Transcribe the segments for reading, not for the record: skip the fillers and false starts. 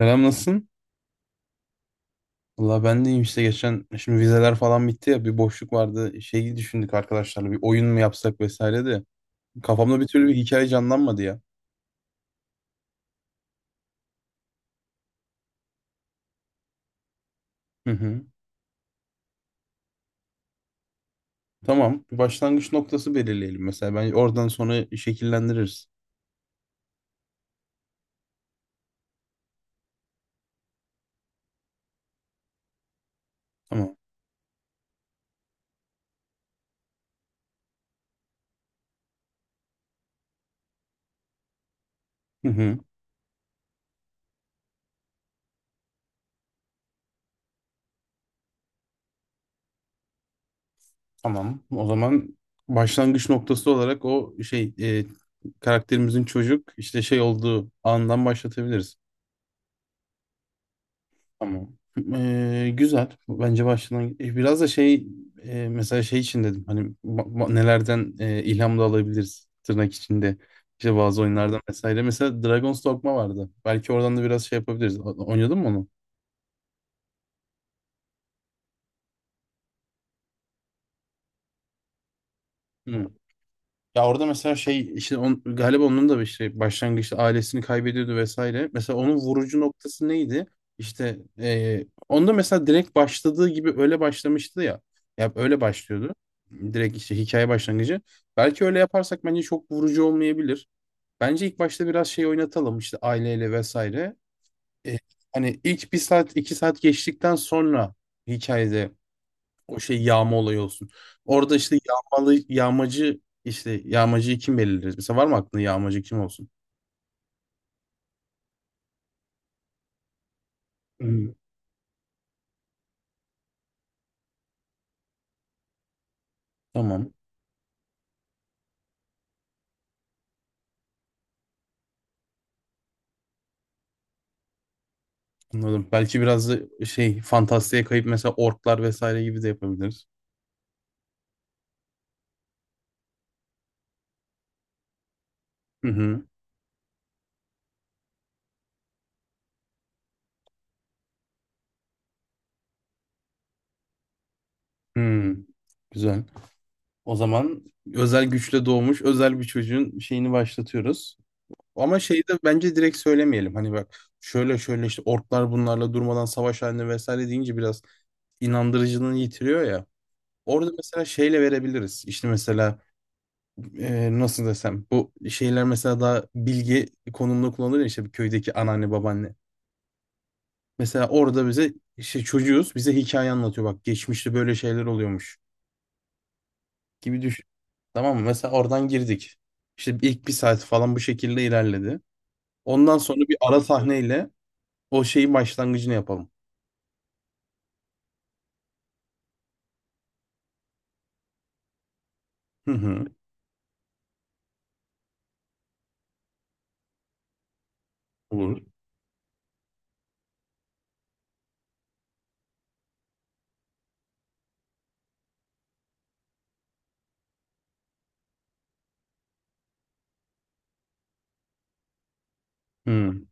Selam, nasılsın? Valla ben de iyiyim. İşte geçen şimdi vizeler falan bitti ya, bir boşluk vardı, şeyi düşündük arkadaşlarla, bir oyun mu yapsak vesaire de kafamda bir türlü bir hikaye canlanmadı ya. Hı hı. Tamam, bir başlangıç noktası belirleyelim, mesela ben oradan sonra şekillendiririz. Tamam. Hı hı. Tamam, o zaman başlangıç noktası olarak o şey karakterimizin çocuk işte şey olduğu andan başlatabiliriz. Tamam. Güzel. Bence başladan biraz da şey mesela şey için dedim, hani nelerden ilham da alabiliriz, tırnak içinde, işte bazı oyunlardan vesaire. Mesela Dragon's Dogma vardı. Belki oradan da biraz şey yapabiliriz. Oynadın mı onu? Hı. Ya orada mesela şey, işte on, galiba onun da bir şey başlangıçta ailesini kaybediyordu vesaire. Mesela onun vurucu noktası neydi? İşte onda mesela direkt başladığı gibi öyle başlamıştı ya. Ya öyle başlıyordu. Direkt işte hikaye başlangıcı. Belki öyle yaparsak bence çok vurucu olmayabilir. Bence ilk başta biraz şey oynatalım, işte aileyle vesaire. E, Hani ilk bir saat iki saat geçtikten sonra hikayede o şey yağma olayı olsun. Orada işte yağmalı yağmacı, işte yağmacıyı kim belirleriz? Mesela var mı aklında yağmacı kim olsun? Hmm. Tamam. Anladım. Belki biraz da şey fantastiğe kayıp mesela orklar vesaire gibi de yapabiliriz. Hı hı. Hı. Güzel. O zaman özel güçle doğmuş özel bir çocuğun şeyini başlatıyoruz. Ama şeyi de bence direkt söylemeyelim. Hani bak, şöyle şöyle işte orklar bunlarla durmadan savaş halinde vesaire deyince biraz inandırıcılığını yitiriyor ya. Orada mesela şeyle verebiliriz. İşte mesela nasıl desem, bu şeyler mesela daha bilgi konumunda kullanılır ya, işte bir köydeki anneanne babaanne. Mesela orada bize işte çocuğuz, bize hikaye anlatıyor, bak geçmişte böyle şeyler oluyormuş gibi düşün. Tamam mı? Mesela oradan girdik. İşte ilk bir saat falan bu şekilde ilerledi. Ondan sonra bir ara sahneyle o şeyin başlangıcını yapalım. Hı hı. Olur. Hı.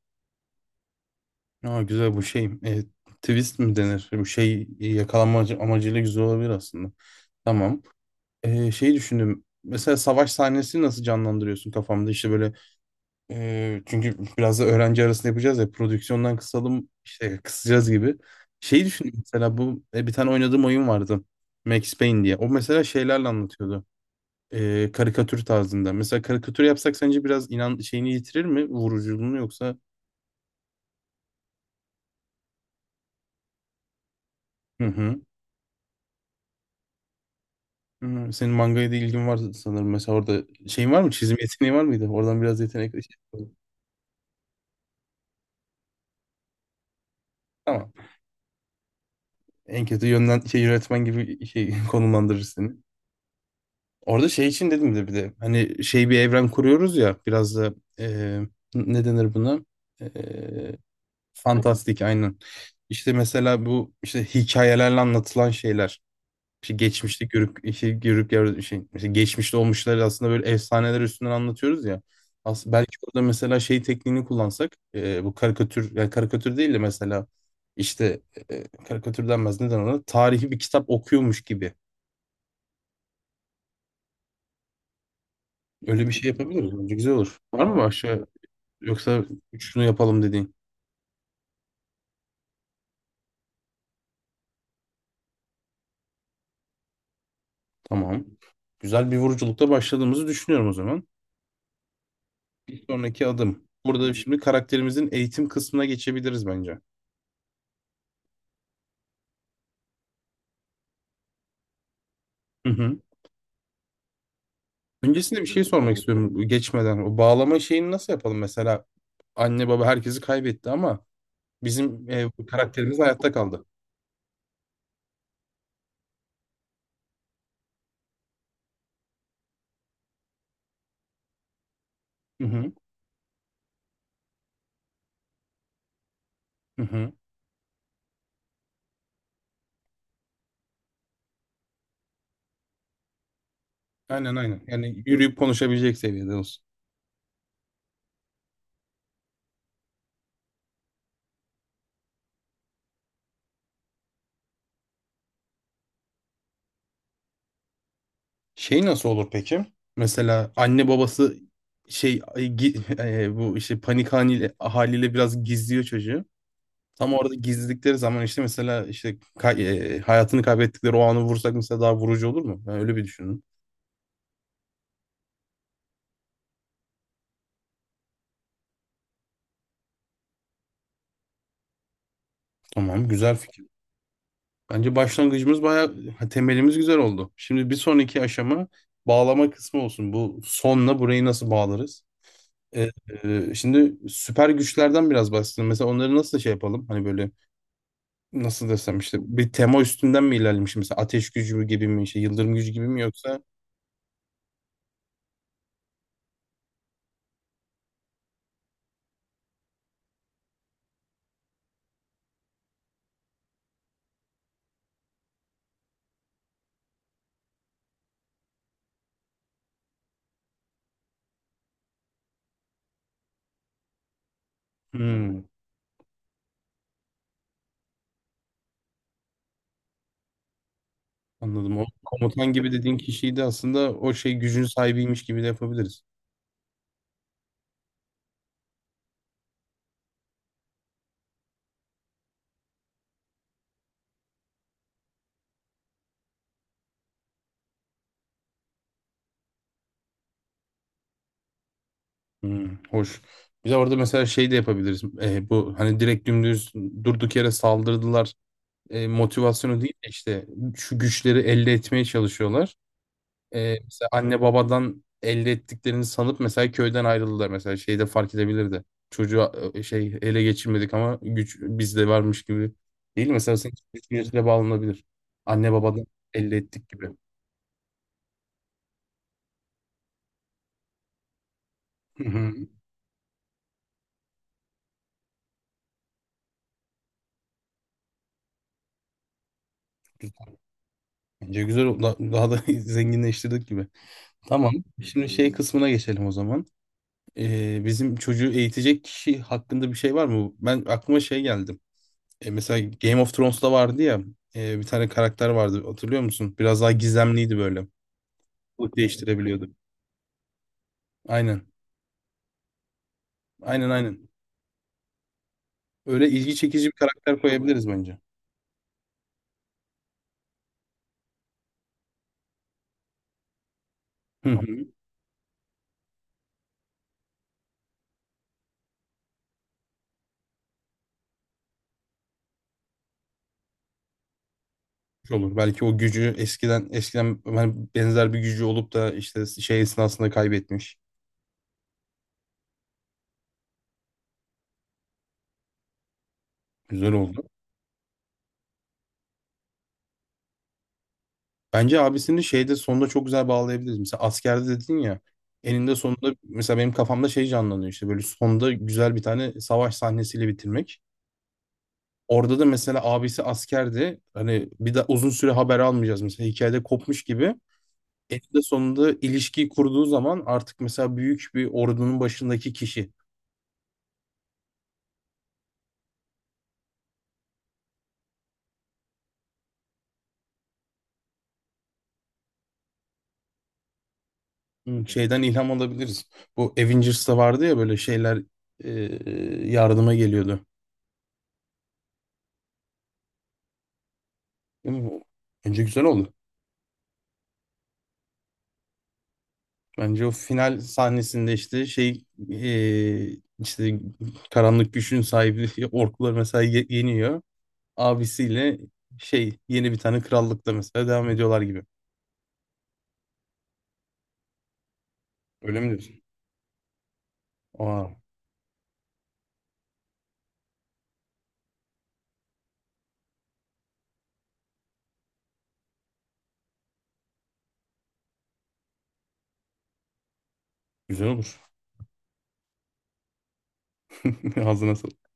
Aa, güzel bu şey. E, twist mi denir? Bu şey yakalanma amacıyla güzel olabilir aslında. Tamam. Şey düşündüm. Mesela savaş sahnesini nasıl canlandırıyorsun kafamda? İşte böyle çünkü biraz da öğrenci arasında yapacağız ya, prodüksiyondan kısalım, işte kısacağız gibi. Şey düşündüm, mesela bu bir tane oynadığım oyun vardı. Max Payne diye. O mesela şeylerle anlatıyordu. Karikatür tarzında. Mesela karikatür yapsak sence biraz inan şeyini yitirir mi? Vuruculuğunu, yoksa... Hı hı. Hı, senin mangaya da ilgin var sanırım. Mesela orada şeyin var mı? Çizim yeteneği var mıydı? Oradan biraz yetenek. Tamam. En kötü yönden şey, yönetmen gibi şey konumlandırır seni. Orada şey için dedim de, bir de hani şey, bir evren kuruyoruz ya, biraz da ne denir buna? E, fantastik, aynen. İşte mesela bu işte hikayelerle anlatılan şeyler. İşte geçmişte görüp, işte görüp şey, işte geçmişte olmuşları aslında böyle efsaneler üstünden anlatıyoruz ya. Aslında belki orada mesela şey tekniğini kullansak bu karikatür, yani karikatür değil de mesela işte karikatür denmez, neden ona tarihi bir kitap okuyormuş gibi. Öyle bir şey yapabiliriz. Bence güzel olur. Var mı başka, yoksa şunu yapalım dediğin? Tamam. Güzel bir vuruculukta başladığımızı düşünüyorum o zaman. Bir sonraki adım. Burada şimdi karakterimizin eğitim kısmına geçebiliriz bence. Hı hı. Öncesinde bir şey sormak istiyorum bu geçmeden. O bağlama şeyini nasıl yapalım mesela? Anne baba herkesi kaybetti ama bizim bu karakterimiz hayatta kaldı. Hı hı, hı hı. Aynen aynen. Yani yürüyüp konuşabilecek seviyede olsun. Şey nasıl olur peki? Mesela anne babası şey bu işte panik haliyle biraz gizliyor çocuğu. Tam orada gizledikleri zaman işte mesela, işte hayatını kaybettikleri o anı vursak mesela daha vurucu olur mu? Ben öyle bir düşündüm. Tamam, güzel. Bence başlangıcımız bayağı ha, temelimiz güzel oldu. Şimdi bir sonraki aşama bağlama kısmı olsun. Bu sonla burayı nasıl bağlarız? Ee, şimdi süper güçlerden biraz bahsedelim. Mesela onları nasıl şey yapalım? Hani böyle nasıl desem, işte bir tema üstünden mi ilerlemiş? Mesela ateş gücü mü gibi mi? Şey, yıldırım gücü gibi mi yoksa? Hmm, anladım. O komutan gibi dediğin kişiyi de aslında o şey gücün sahibiymiş gibi de yapabiliriz. Hmm, hoş. Bir de orada mesela şey de yapabiliriz. Bu hani direkt dümdüz durduk yere saldırdılar. Motivasyonu değil de işte şu güçleri elde etmeye çalışıyorlar. E, mesela anne babadan elde ettiklerini sanıp mesela köyden ayrıldılar, mesela şeyde fark edebilirdi. Çocuğu şey, ele geçirmedik ama güç bizde varmış gibi, değil mi? Mesela senin güçle bağlanabilir. Anne babadan elde ettik gibi. Hı hı. Bence güzel oldu. Daha da zenginleştirdik gibi. Tamam. Şimdi şey kısmına geçelim o zaman. E, bizim çocuğu eğitecek kişi hakkında bir şey var mı? Ben aklıma şey geldi. E, mesela Game of Thrones'ta vardı ya, bir tane karakter vardı, hatırlıyor musun? Biraz daha gizemliydi böyle. Kılık değiştirebiliyordu. Aynen. Aynen aynen. Öyle ilgi çekici bir karakter koyabiliriz bence. Hı hı. Olur. Belki o gücü eskiden hani benzer bir gücü olup da işte şey esnasında kaybetmiş. Güzel oldu. Bence abisini şeyde sonunda çok güzel bağlayabiliriz. Mesela askerde dedin ya, eninde sonunda mesela benim kafamda şey canlanıyor, işte böyle sonda güzel bir tane savaş sahnesiyle bitirmek. Orada da mesela abisi askerdi. Hani bir de uzun süre haber almayacağız, mesela hikayede kopmuş gibi. Eninde sonunda ilişkiyi kurduğu zaman artık mesela büyük bir ordunun başındaki kişi. Hmm, şeyden ilham alabiliriz. Bu Avengers'ta vardı ya böyle şeyler e, yardıma geliyordu. Değil mi? Bence güzel oldu. Bence o final sahnesinde işte şey işte karanlık güçün sahibi orklar mesela yeniyor. Abisiyle şey, yeni bir tane krallıkta mesela devam ediyorlar gibi. Öyle mi diyorsun? Aa, güzel olur. Ağzına sağlık.